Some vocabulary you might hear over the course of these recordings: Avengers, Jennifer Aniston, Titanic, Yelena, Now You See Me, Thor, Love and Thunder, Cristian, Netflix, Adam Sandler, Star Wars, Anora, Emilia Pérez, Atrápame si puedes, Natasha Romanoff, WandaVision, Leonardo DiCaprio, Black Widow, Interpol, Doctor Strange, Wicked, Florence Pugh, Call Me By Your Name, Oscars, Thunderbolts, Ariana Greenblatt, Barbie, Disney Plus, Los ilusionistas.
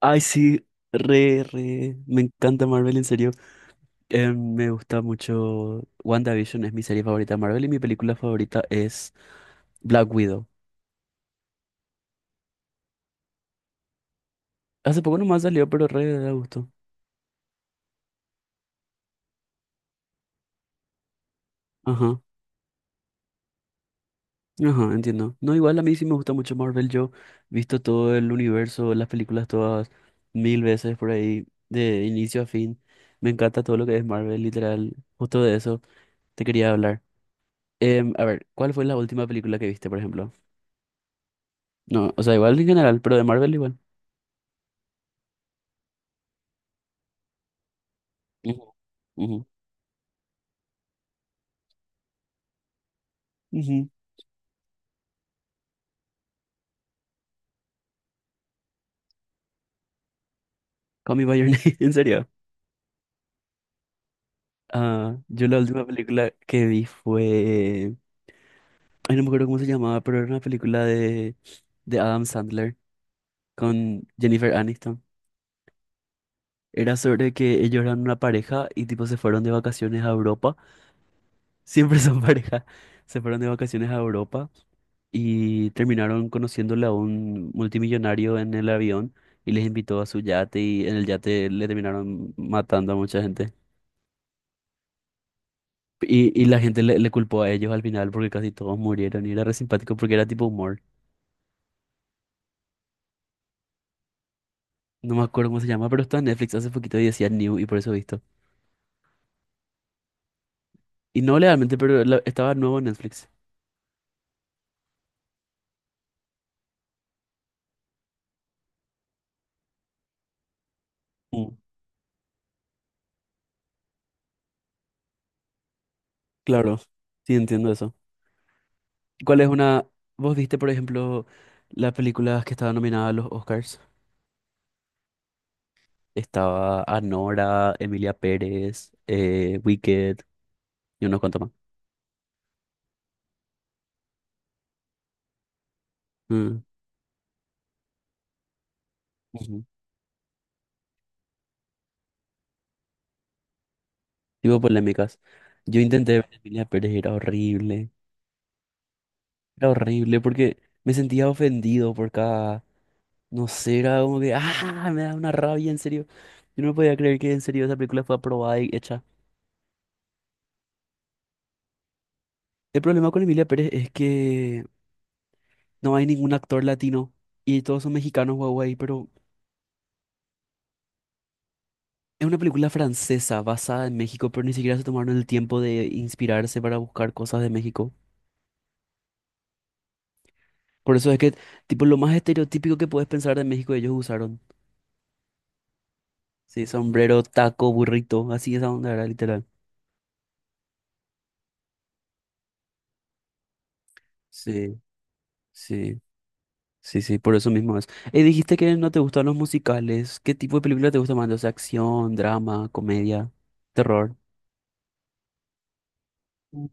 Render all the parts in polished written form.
Ay, sí, re. Me encanta Marvel, en serio. Me gusta mucho. WandaVision es mi serie favorita de Marvel y mi película favorita es Black Widow. Hace poco nomás salió, pero re da gusto. Ajá, ajá, entiendo. No, igual a mí sí me gusta mucho Marvel. Yo he visto todo el universo, las películas todas mil veces por ahí, de inicio a fin. Me encanta todo lo que es Marvel, literal. Justo de eso te quería hablar. A ver, ¿cuál fue la última película que viste, por ejemplo? No, o sea, igual en general, pero de Marvel igual. Ujú, ujú. Ujú. Call Me By Your Name, en serio. Ah, yo la última película que vi fue... Ay, no me acuerdo cómo se llamaba, pero era una película de Adam Sandler con Jennifer Aniston. Era sobre que ellos eran una pareja y tipo se fueron de vacaciones a Europa. Siempre son pareja. Se fueron de vacaciones a Europa y terminaron conociéndole a un multimillonario en el avión y les invitó a su yate y en el yate le terminaron matando a mucha gente. Y la gente le culpó a ellos al final porque casi todos murieron y era re simpático porque era tipo humor. No me acuerdo cómo se llama, pero estaba en Netflix hace poquito y decía New y por eso he visto. Y no legalmente, pero la- estaba nuevo en Netflix. Mm, claro, sí entiendo eso. ¿Cuál es una... ¿Vos viste, por ejemplo, las películas que estaban nominadas a los Oscars? Estaba Anora, Emilia Pérez, Wicked y unos cuantos más. Mm, ujú. Tipo polémicas. Yo intenté ver Emilia Pérez y era horrible. Era horrible porque me sentía ofendido por cada, no sé, era como que, ah, me da una rabia, en serio. Yo no podía creer que en serio esa película fue aprobada y hecha. El problema con Emilia Pérez es que no hay ningún actor latino y todos son mexicanos, guau, pero es una película francesa basada en México, pero ni siquiera se tomaron el tiempo de inspirarse para buscar cosas de México. Por eso es que, tipo, lo más estereotípico que puedes pensar de México ellos usaron. Sí, sombrero, taco, burrito, así esa onda era literal. Sí, sí. Sí, sí, por eso mismo es. Dijiste que no te gustan los musicales. ¿Qué tipo de película te gusta más? O sea, acción, drama, comedia, terror. Mm.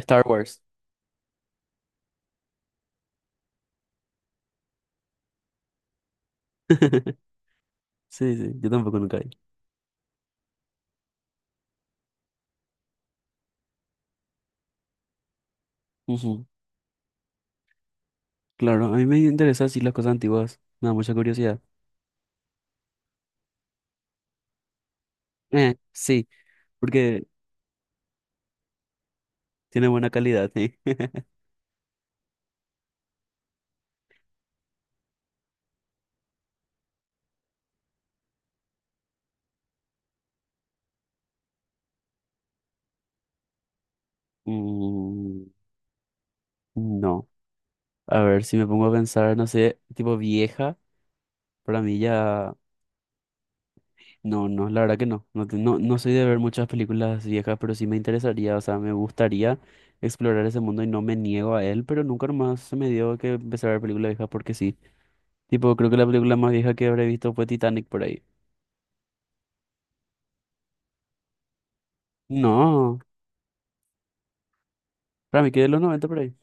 Star Wars. Sí, sí, yo tampoco nunca vi. Ujú. Claro, a mí me interesan así las cosas antiguas. Me da mucha curiosidad. Sí, porque tiene buena calidad, sí. Mm, no. A ver, si me pongo a pensar, no sé, tipo vieja, para mí ya. No, no, la verdad que no. No, te- no, no soy de ver muchas películas viejas, pero sí me interesaría, o sea, me gustaría explorar ese mundo y no me niego a él, pero nunca más se me dio que empezar a ver películas viejas porque sí. Tipo, creo que la película más vieja que habré visto fue Titanic por ahí. No, para mí que de los noventa por ahí.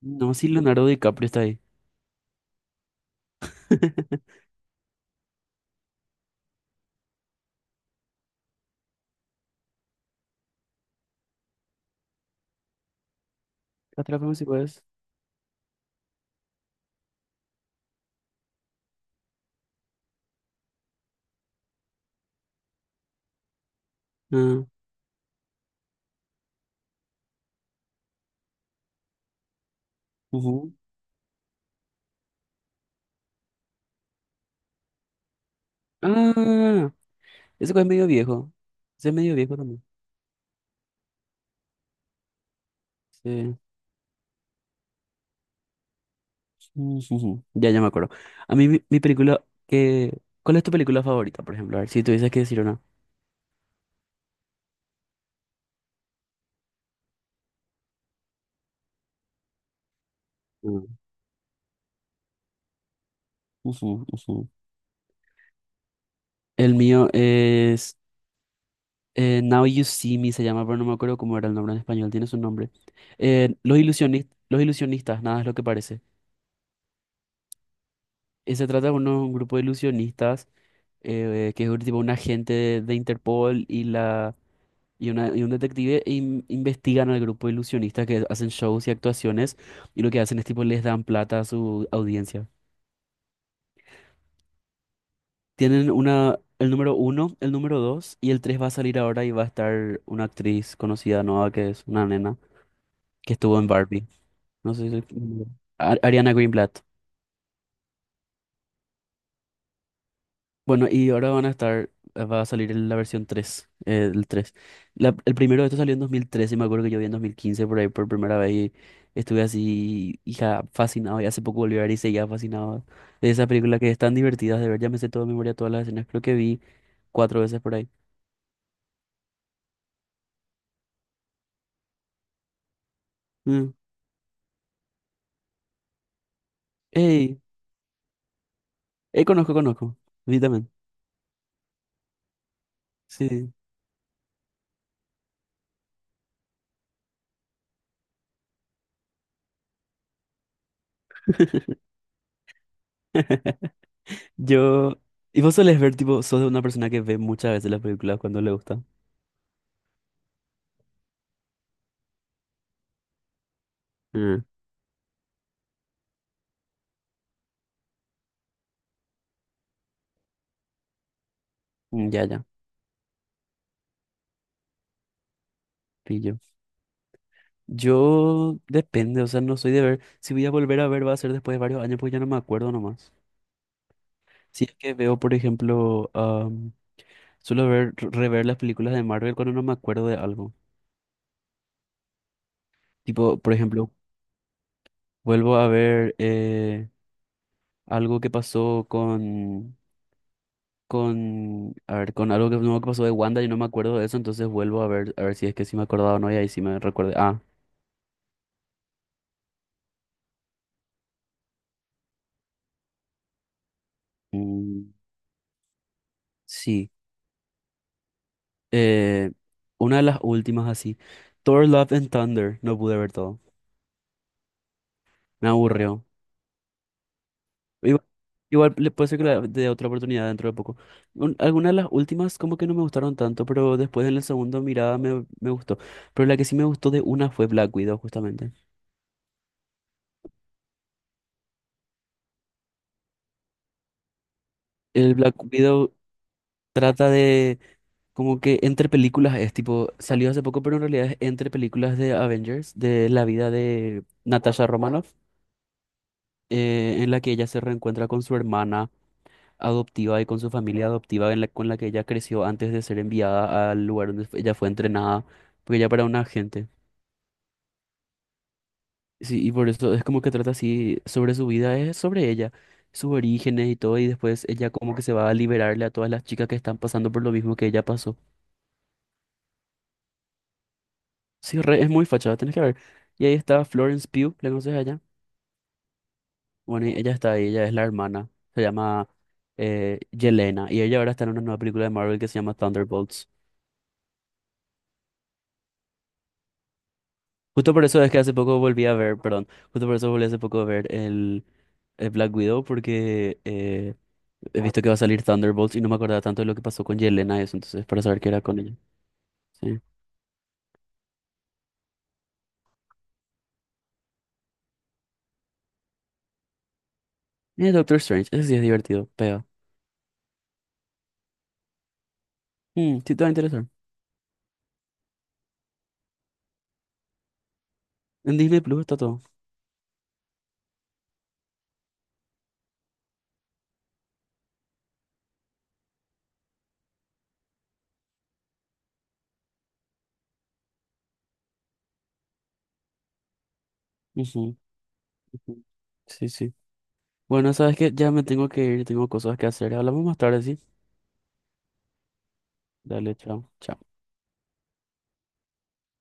No, sí, Leonardo DiCaprio está ahí. Atrápame si puedes. Ah, ujú. Ah, ese que es medio viejo. Ese es medio viejo también. Sí. Ujujú, ya, ya me acuerdo. A mí, mi película que... ¿Cuál es tu película favorita, por ejemplo? A ver, si tuvieses que decir una. Mm. Ujú, ujú. El mío es... Now You See Me se llama, pero no me acuerdo cómo era el nombre en español. Tiene su nombre. Los ilusionistas, nada es lo que parece. Se trata de un grupo de ilusionistas que es tipo un agente de Interpol y la... Y, un detective investigan al grupo de ilusionistas que hacen shows y actuaciones y lo que hacen es tipo les dan plata a su audiencia. Tienen una, el número uno, el número dos y el tres va a salir ahora y va a estar una actriz conocida nueva que es una nena que estuvo en Barbie. No sé si... Ariana Greenblatt. Bueno, y ahora van a estar, va a salir la versión 3 el tres. La- el primero de esto salió en 2013, me acuerdo que yo vi en 2015 por ahí por primera vez y estuve así, hija, fascinado, y hace poco volví a ver y seguía fascinado de esa película que es tan divertida de ver, ya me sé toda de memoria todas las escenas, creo que vi cuatro veces por ahí. Mm. Ey, ey, conozco, conozco, vi también, sí. Yo, y vos solés ver, tipo, sos de una persona que ve muchas veces las películas cuando le gusta. Mm. Mm, ya, ya, pillo. Yo depende, o sea, no soy de ver. Si voy a volver a ver, va a ser después de varios años, pues ya no me acuerdo nomás. Si es que veo, por ejemplo, suelo ver, rever las películas de Marvel cuando no me acuerdo de algo. Tipo, por ejemplo, vuelvo a ver algo que pasó con, a ver, con algo que, no, que pasó de Wanda y no me acuerdo de eso, entonces vuelvo a ver si es que sí me acordaba o no, y ahí sí me recuerdo. Ah, mm, sí. Eh, una de las últimas así. Thor, Love and Thunder, no pude ver todo. Me aburrió. Igual, igual le puede ser que le dé otra oportunidad dentro de poco. Un- algunas de las últimas como que no me gustaron tanto, pero después en la segunda mirada me gustó. Pero la que sí me gustó de una fue Black Widow, justamente. El Black Widow trata de como que entre películas es tipo, salió hace poco, pero en realidad es entre películas de Avengers, de la vida de Natasha Romanoff, en la que ella se reencuentra con su hermana adoptiva y con su familia adoptiva en la, con la que ella creció antes de ser enviada al lugar donde ella fue entrenada, porque ella era una agente. Sí, y por eso es como que trata así sobre su vida, es sobre ella, sus orígenes y todo, y después ella como que se va a liberarle a todas las chicas que están pasando por lo mismo que ella pasó. Sí, re- es muy fachada, tenés que ver. Y ahí está Florence Pugh, ¿la conoces a ella? Bueno, y ella está ahí, ella es la hermana, se llama Yelena, y ella ahora está en una nueva película de Marvel que se llama Thunderbolts. Justo por eso es que hace poco volví a ver, perdón, justo por eso volví hace poco a ver el Black Widow porque he visto que va a salir Thunderbolts y no me acordaba tanto de lo que pasó con Yelena y eso, entonces para saber qué era con ella. Sí. Y Doctor Strange, ese sí es divertido, pega. Mm, sí, te va a interesar. En Disney Plus está todo. Ujú, ujú. Sí, sí. Bueno, sabes que ya me tengo que ir, tengo cosas que hacer. Hablamos más tarde, sí. Dale, chao. Chao.